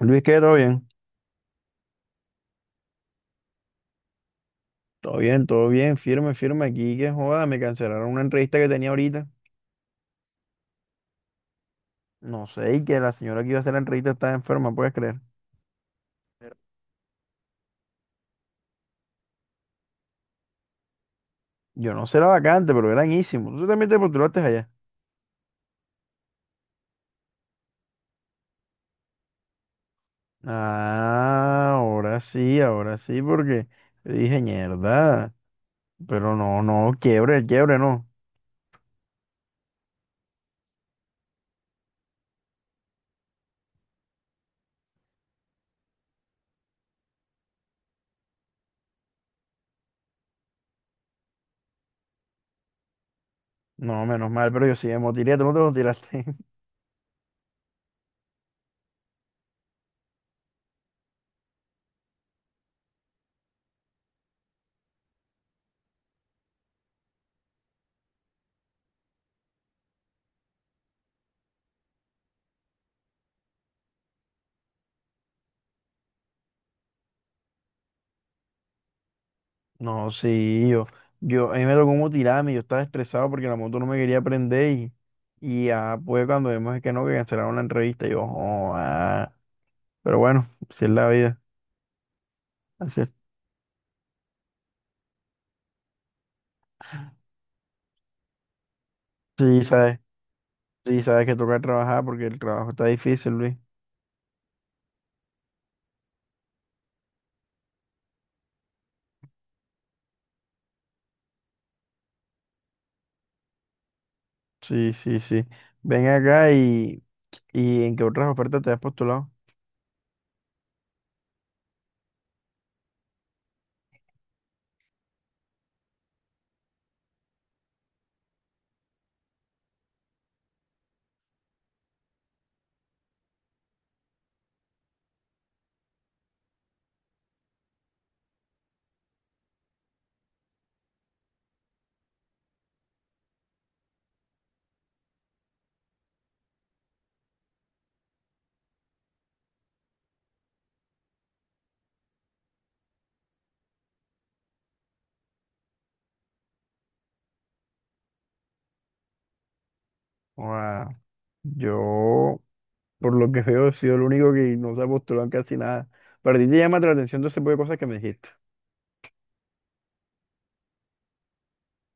Luis, ¿qué? ¿Todo bien? Todo bien, todo bien, firme, firme aquí, que joda, me cancelaron una entrevista que tenía ahorita. No sé, y que la señora que iba a hacer la entrevista estaba enferma, ¿puedes creer? Yo no sé la vacante, pero era enísimo. Tú también te postulaste allá. Ah, ahora sí, porque yo dije, mierda, pero no, no, quiebre, quiebre, no. No, menos mal, pero yo sí me motilé, tú no te motilaste. No, sí, yo, a mí me tocó motilarme, yo estaba estresado porque la moto no me quería prender y ya, pues cuando vimos que no, que cancelaron la entrevista, yo, oh, ah. Pero bueno, si es la vida, así es. Sí, sabes, sí, sabes que toca trabajar porque el trabajo está difícil, Luis. Sí, sí, sí. Ven acá y ¿en qué otras ofertas te has postulado? Oh, ah, yo, por lo que veo, he sido el único que no se ha postulado en casi nada. Pero a ti te llama la atención todo ese tipo de cosas que me dijiste.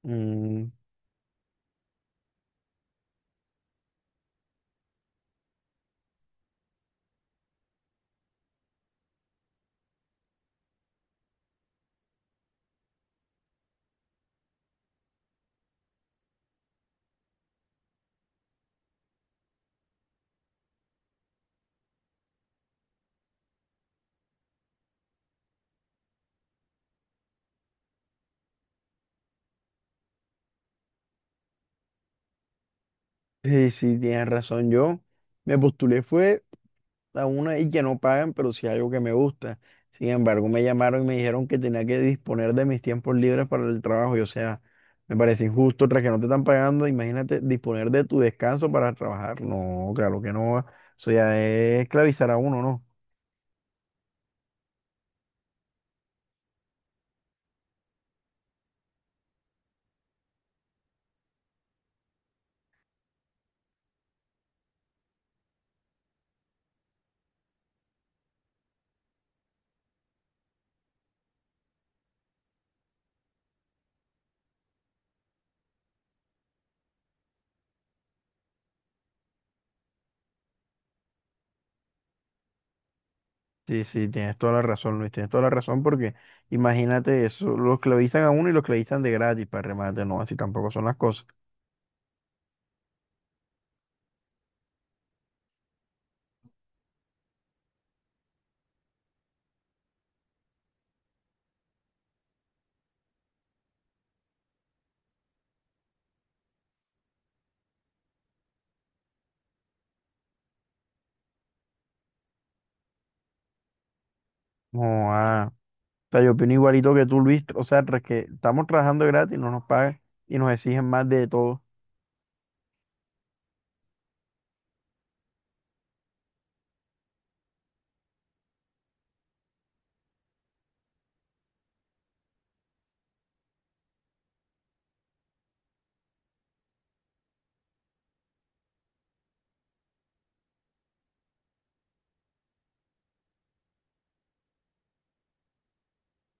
Mm. Sí, sí, tienes razón. Yo me postulé fue a una y que no pagan, pero sí algo que me gusta. Sin embargo, me llamaron y me dijeron que tenía que disponer de mis tiempos libres para el trabajo. Y o sea, me parece injusto, tras que no te están pagando, imagínate disponer de tu descanso para trabajar. No, claro que no. Eso ya es esclavizar a uno, ¿no? Sí, sí, tienes toda la razón, Luis. Tienes toda la razón porque imagínate eso, lo esclavizan a uno y lo esclavizan de gratis para remate. No, así tampoco son las cosas. No, ah. O sea, yo opino igualito que tú, Luis. O sea, tras que estamos trabajando gratis, no nos pagan y nos exigen más de todo.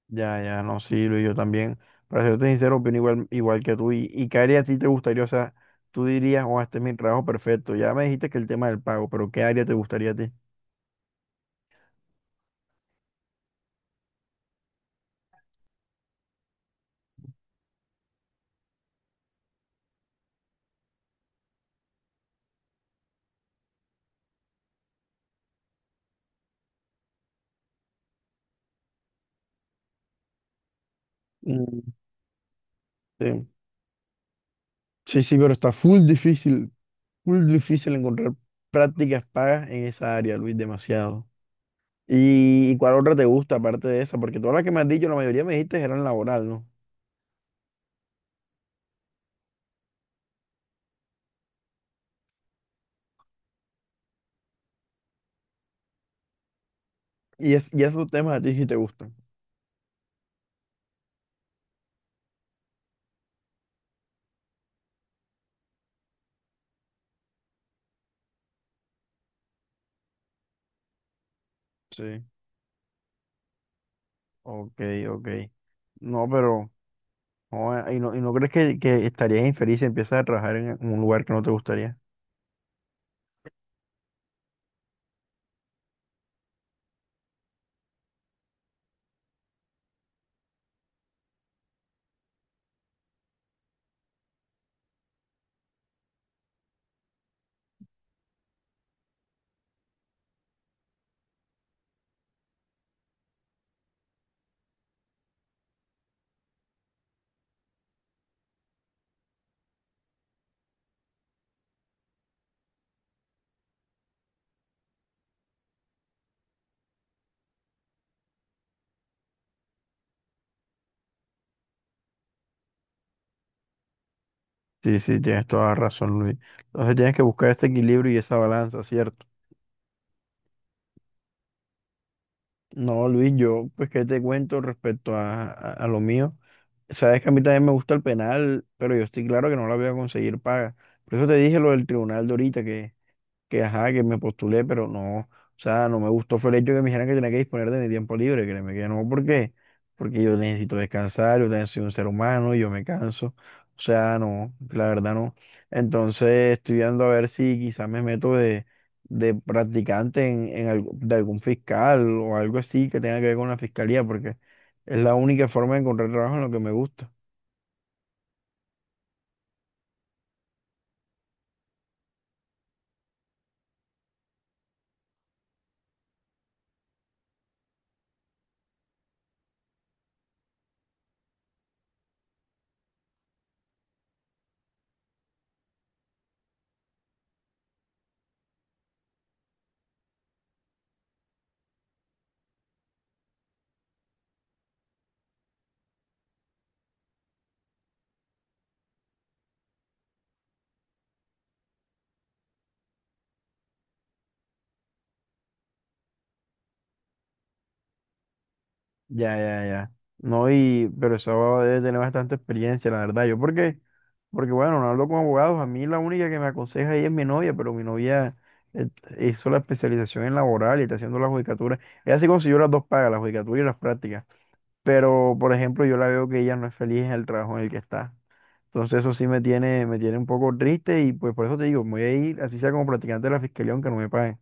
Ya, ya, no, sí, Luis, yo también. Para serte sincero, opino igual, igual que tú. Y qué área a ti te gustaría? O sea, tú dirías, oh, este es mi trabajo perfecto. Ya me dijiste que el tema del pago, pero ¿qué área te gustaría a ti? Mm, sí. Sí, sí, pero está full difícil encontrar prácticas pagas en esa área, Luis, demasiado. Y cuál otra te gusta aparte de esa? Porque todas las que me has dicho, la mayoría me dijiste eran laboral, ¿no? Y, es, y esos temas a ti sí te gustan. Sí. Ok, ok. No, pero... joder, y no crees que estarías infeliz si empiezas a trabajar en un lugar que no te gustaría? Sí, sí, tienes toda la razón, Luis. Entonces tienes que buscar ese equilibrio y esa balanza, ¿cierto? No, Luis, yo, pues, ¿qué te cuento respecto a lo mío? Sabes que a mí también me gusta el penal, pero yo estoy claro que no la voy a conseguir paga. Por eso te dije lo del tribunal de ahorita, que ajá, que me postulé, pero no, o sea, no me gustó fue el hecho que me dijeran que tenía que disponer de mi tiempo libre, créeme que no, ¿por qué? Porque yo necesito descansar, yo también soy un ser humano, yo me canso, o sea, no, la verdad no. Entonces estoy viendo a ver si quizás me meto de practicante en algo- de algún fiscal o algo así que tenga que ver con la fiscalía, porque es la única forma de encontrar trabajo en lo que me gusta. Ya, ya, ya. No, y, pero eso debe tener bastante experiencia, la verdad. Yo, ¿por qué? Porque bueno, no hablo con abogados. A mí la única que me aconseja ahí es mi novia, pero mi novia eh, hizo la especialización en laboral y está haciendo la judicatura. Ella sí consiguió las dos pagas, la judicatura y las prácticas. Pero, por ejemplo, yo la veo que ella no es feliz en el trabajo en el que está. Entonces eso sí me tiene un poco triste y pues por eso te digo, me voy a ir, así sea como practicante de la fiscalía, aunque no me paguen.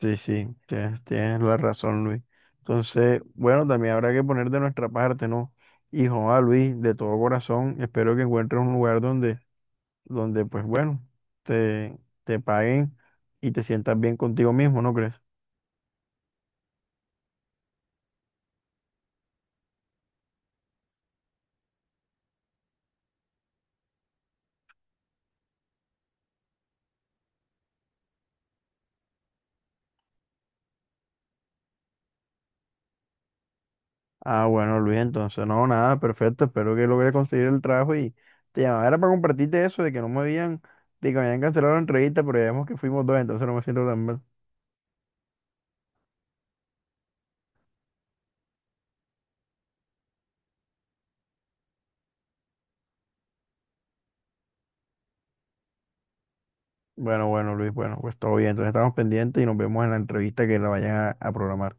Sí, sí, tienes, tienes la razón, Luis. Entonces, bueno, también habrá que poner de nuestra parte, ¿no? Hijo, a Luis, de todo corazón, espero que encuentres un lugar donde donde pues bueno, te, te paguen y te sientas bien contigo mismo, ¿no crees? Ah, bueno, Luis, entonces no, nada, perfecto, espero que logres conseguir el trabajo y te llamaba era para compartirte eso de que no me habían, de que me habían cancelado la entrevista, pero ya vemos que fuimos dos, entonces no me siento tan mal. Bueno, bueno, Luis, bueno, pues todo bien, entonces estamos pendientes y nos vemos en la entrevista que la vayan a programar.